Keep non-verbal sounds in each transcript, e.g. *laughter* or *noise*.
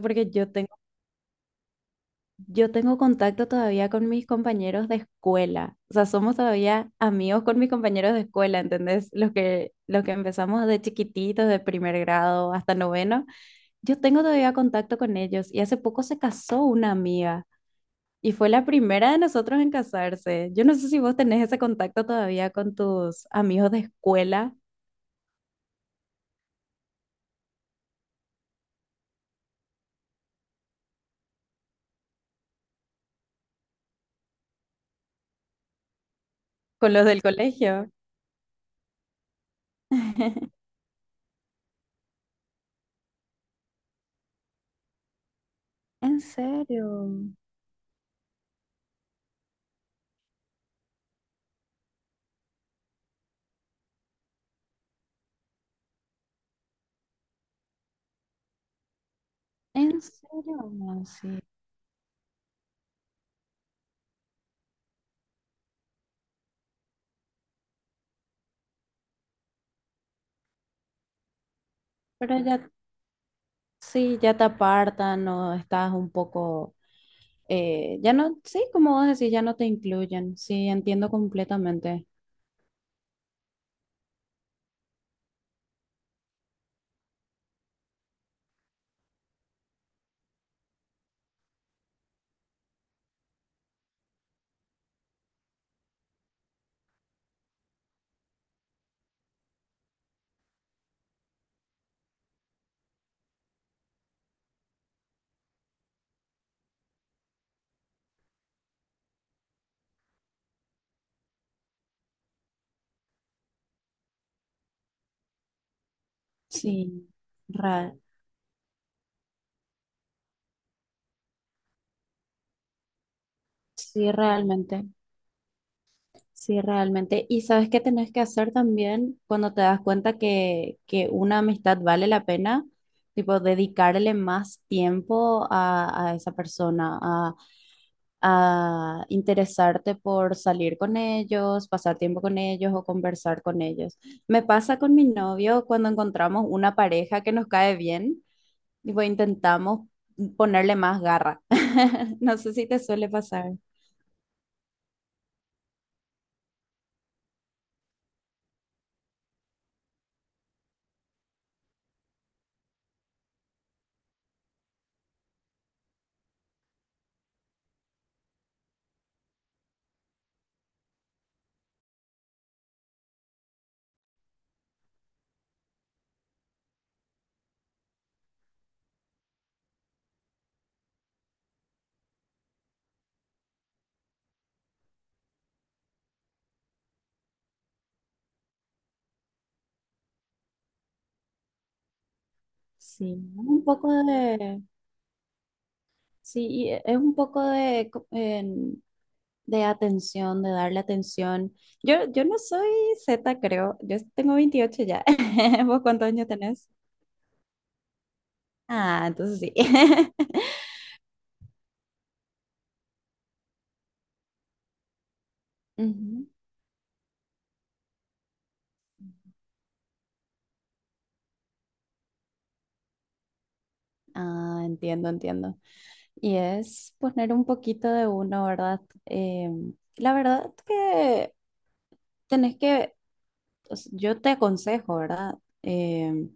Porque yo tengo contacto todavía con mis compañeros de escuela. O sea, somos todavía amigos con mis compañeros de escuela, ¿entendés? Los que empezamos de chiquititos, de primer grado hasta noveno. Yo tengo todavía contacto con ellos y hace poco se casó una amiga y fue la primera de nosotros en casarse. Yo no sé si vos tenés ese contacto todavía con tus amigos de escuela, con los del colegio. *laughs* ¿En serio, en serio? *laughs* No, sí. Pero ya Sí, ya te apartan o estás un poco, ya no, sí, como vos decís, ya no te incluyen. Sí, entiendo completamente. Sí, ra- sí, realmente. Sí, realmente. Y sabes qué tenés que hacer también cuando te das cuenta que una amistad vale la pena, tipo, dedicarle más tiempo a esa persona, a interesarte por salir con ellos, pasar tiempo con ellos o conversar con ellos. Me pasa con mi novio cuando encontramos una pareja que nos cae bien, tipo, intentamos ponerle más garra. *laughs* No sé si te suele pasar. Sí, un poco de, sí, y es un poco de, de atención, de darle atención. Yo no soy Z, creo. Yo tengo 28 ya. *laughs* ¿Vos cuántos años tenés? Ah, entonces sí. *laughs* Ujú. Ah, entiendo, entiendo. Y es poner un poquito de uno, ¿verdad? Eh, la verdad que tenés que, o sea, yo te aconsejo, ¿verdad? Em,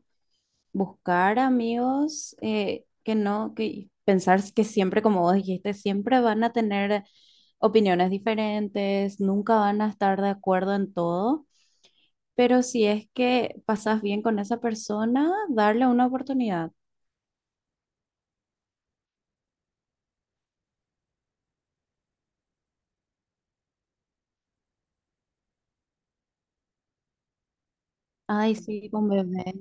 Buscar amigos, que no, que pensar que siempre, como vos dijiste, siempre van a tener opiniones diferentes, nunca van a estar de acuerdo en todo, pero si es que pasas bien con esa persona, darle una oportunidad. Ay, sí, con bebé.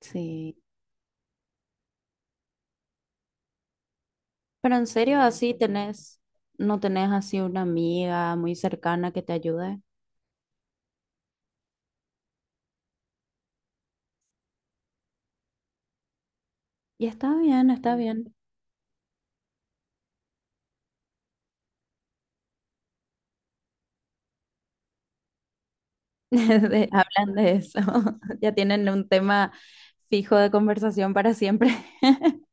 Sí. Pero en serio, no tenés así una amiga muy cercana que te ayude. Y está bien, está bien. *laughs* Hablan de eso. *laughs* Ya tienen un tema fijo de conversación para siempre. *laughs*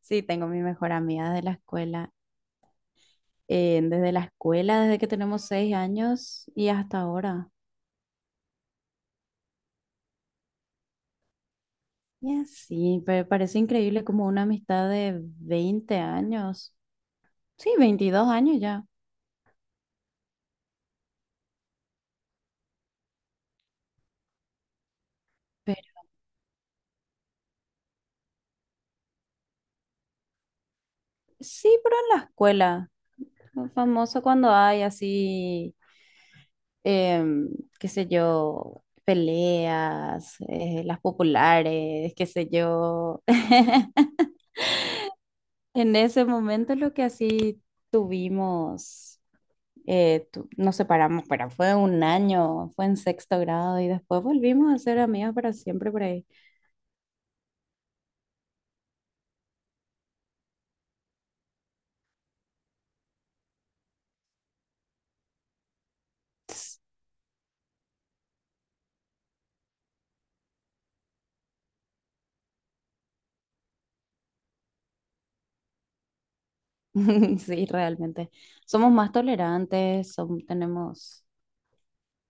Sí, tengo mi mejor amiga de la escuela. Desde la escuela, desde que tenemos 6 años y hasta ahora. Y así, pero parece increíble como una amistad de 20 años. Sí, 22 años ya. Sí, pero en la escuela. Lo famoso cuando hay así, em, qué sé yo, peleas, las populares, qué sé yo. *laughs* En ese momento lo que así tuvimos, nos separamos, pero fue un año, fue en sexto grado y después volvimos a ser amigas para siempre por ahí. *laughs* Sí, realmente. Somos más tolerantes, tenemos,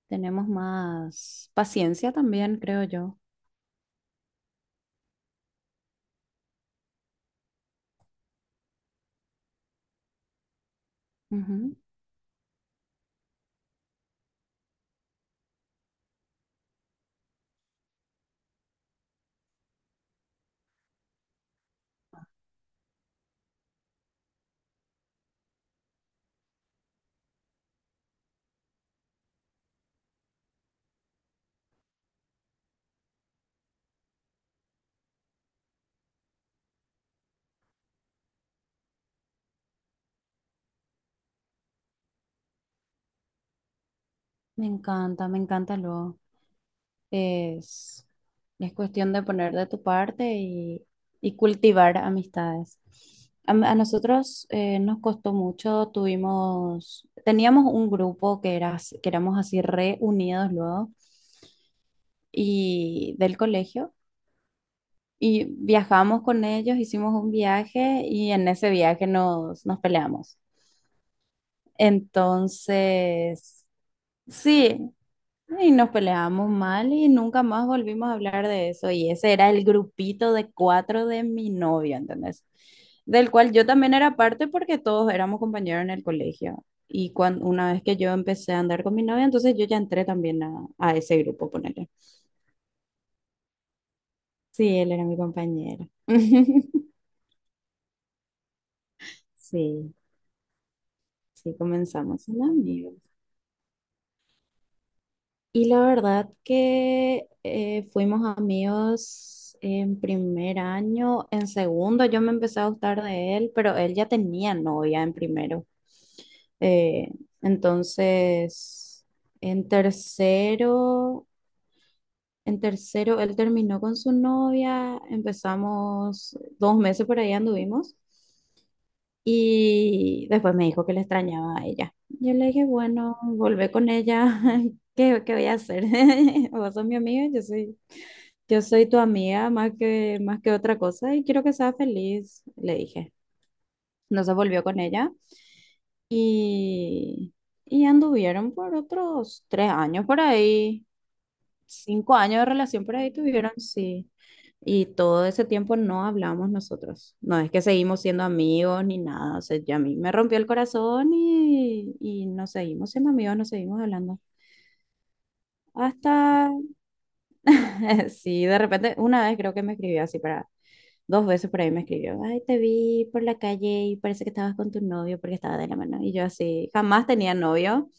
tenemos más paciencia también, creo yo. Ujú. Me encanta luego. Es, es cuestión de poner de tu parte y cultivar amistades. A nosotros, nos costó mucho, teníamos un grupo que éramos así reunidos luego y del colegio y viajamos con ellos, hicimos un viaje y en ese viaje nos peleamos. Entonces, sí, y nos peleamos mal y nunca más volvimos a hablar de eso. Y ese era el grupito de cuatro de mi novio, ¿entendés? Del cual yo también era parte porque todos éramos compañeros en el colegio. Y cuando, una vez que yo empecé a andar con mi novia, entonces yo ya entré también a ese grupo, ponele. Sí, él era mi compañero. *laughs* Sí, sí, comenzamos en amigos. Y la verdad que fuimos amigos en primer año, en segundo yo me empecé a gustar de él, pero él ya tenía novia en primero. Eh, entonces, en tercero, en tercero él terminó con su novia, empezamos 2 meses por ahí anduvimos. Y después me dijo que le extrañaba a ella. Yo le dije, bueno, volvé con ella. *laughs* ¿Qué, qué voy a hacer? *laughs* Vos sos mi amiga, yo soy tu amiga más que otra cosa y quiero que seas feliz, le dije. No se volvió con ella y, y anduvieron por otros 3 años por ahí. 5 años de relación por ahí tuvieron, sí. Y todo ese tiempo no hablamos nosotros. No es que seguimos siendo amigos ni nada. O sea, ya a mí me rompió el corazón y nos seguimos siendo amigos, nos seguimos hablando. Hasta, *laughs* sí, de repente, una vez creo que me escribió dos veces por ahí me escribió, ay, te vi por la calle y parece que estabas con tu novio porque estaba de la mano. Y yo así, jamás tenía novio.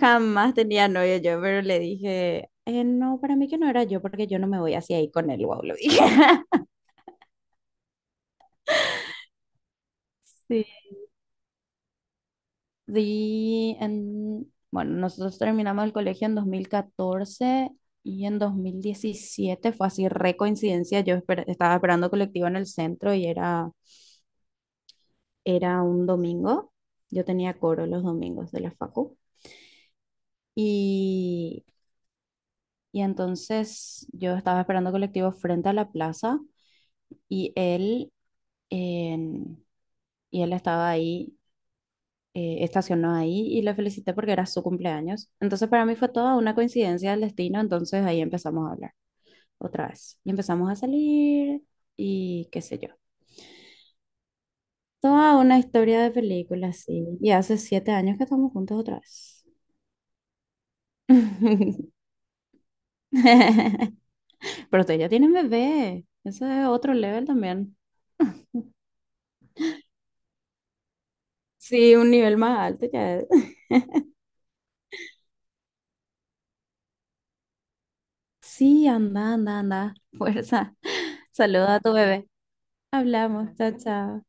Jamás tenía novio yo, pero le dije, No, para mí que no era yo, porque yo no me voy así ahí con él, wow", lo dije. *laughs* Sí. Sí, bueno, nosotros terminamos el colegio en 2014 y en 2017 fue así, re coincidencia, yo estaba esperando colectivo en el centro y era un domingo, yo tenía coro los domingos de la facu y, y entonces yo estaba esperando colectivo frente a la plaza y él... en- y él estaba ahí, estacionó ahí y le felicité porque era su cumpleaños. Entonces para mí fue toda una coincidencia del destino, entonces ahí empezamos a hablar otra vez y empezamos a salir y qué sé yo. Toda una historia de película, sí. Y hace 7 años que estamos juntos otra vez. *laughs* Pero ustedes ya tienen bebé. Eso es otro level también. Sí, un nivel más alto ya es. Sí, anda, anda, anda. Fuerza. Saluda a tu bebé. Hablamos. Chao, chao.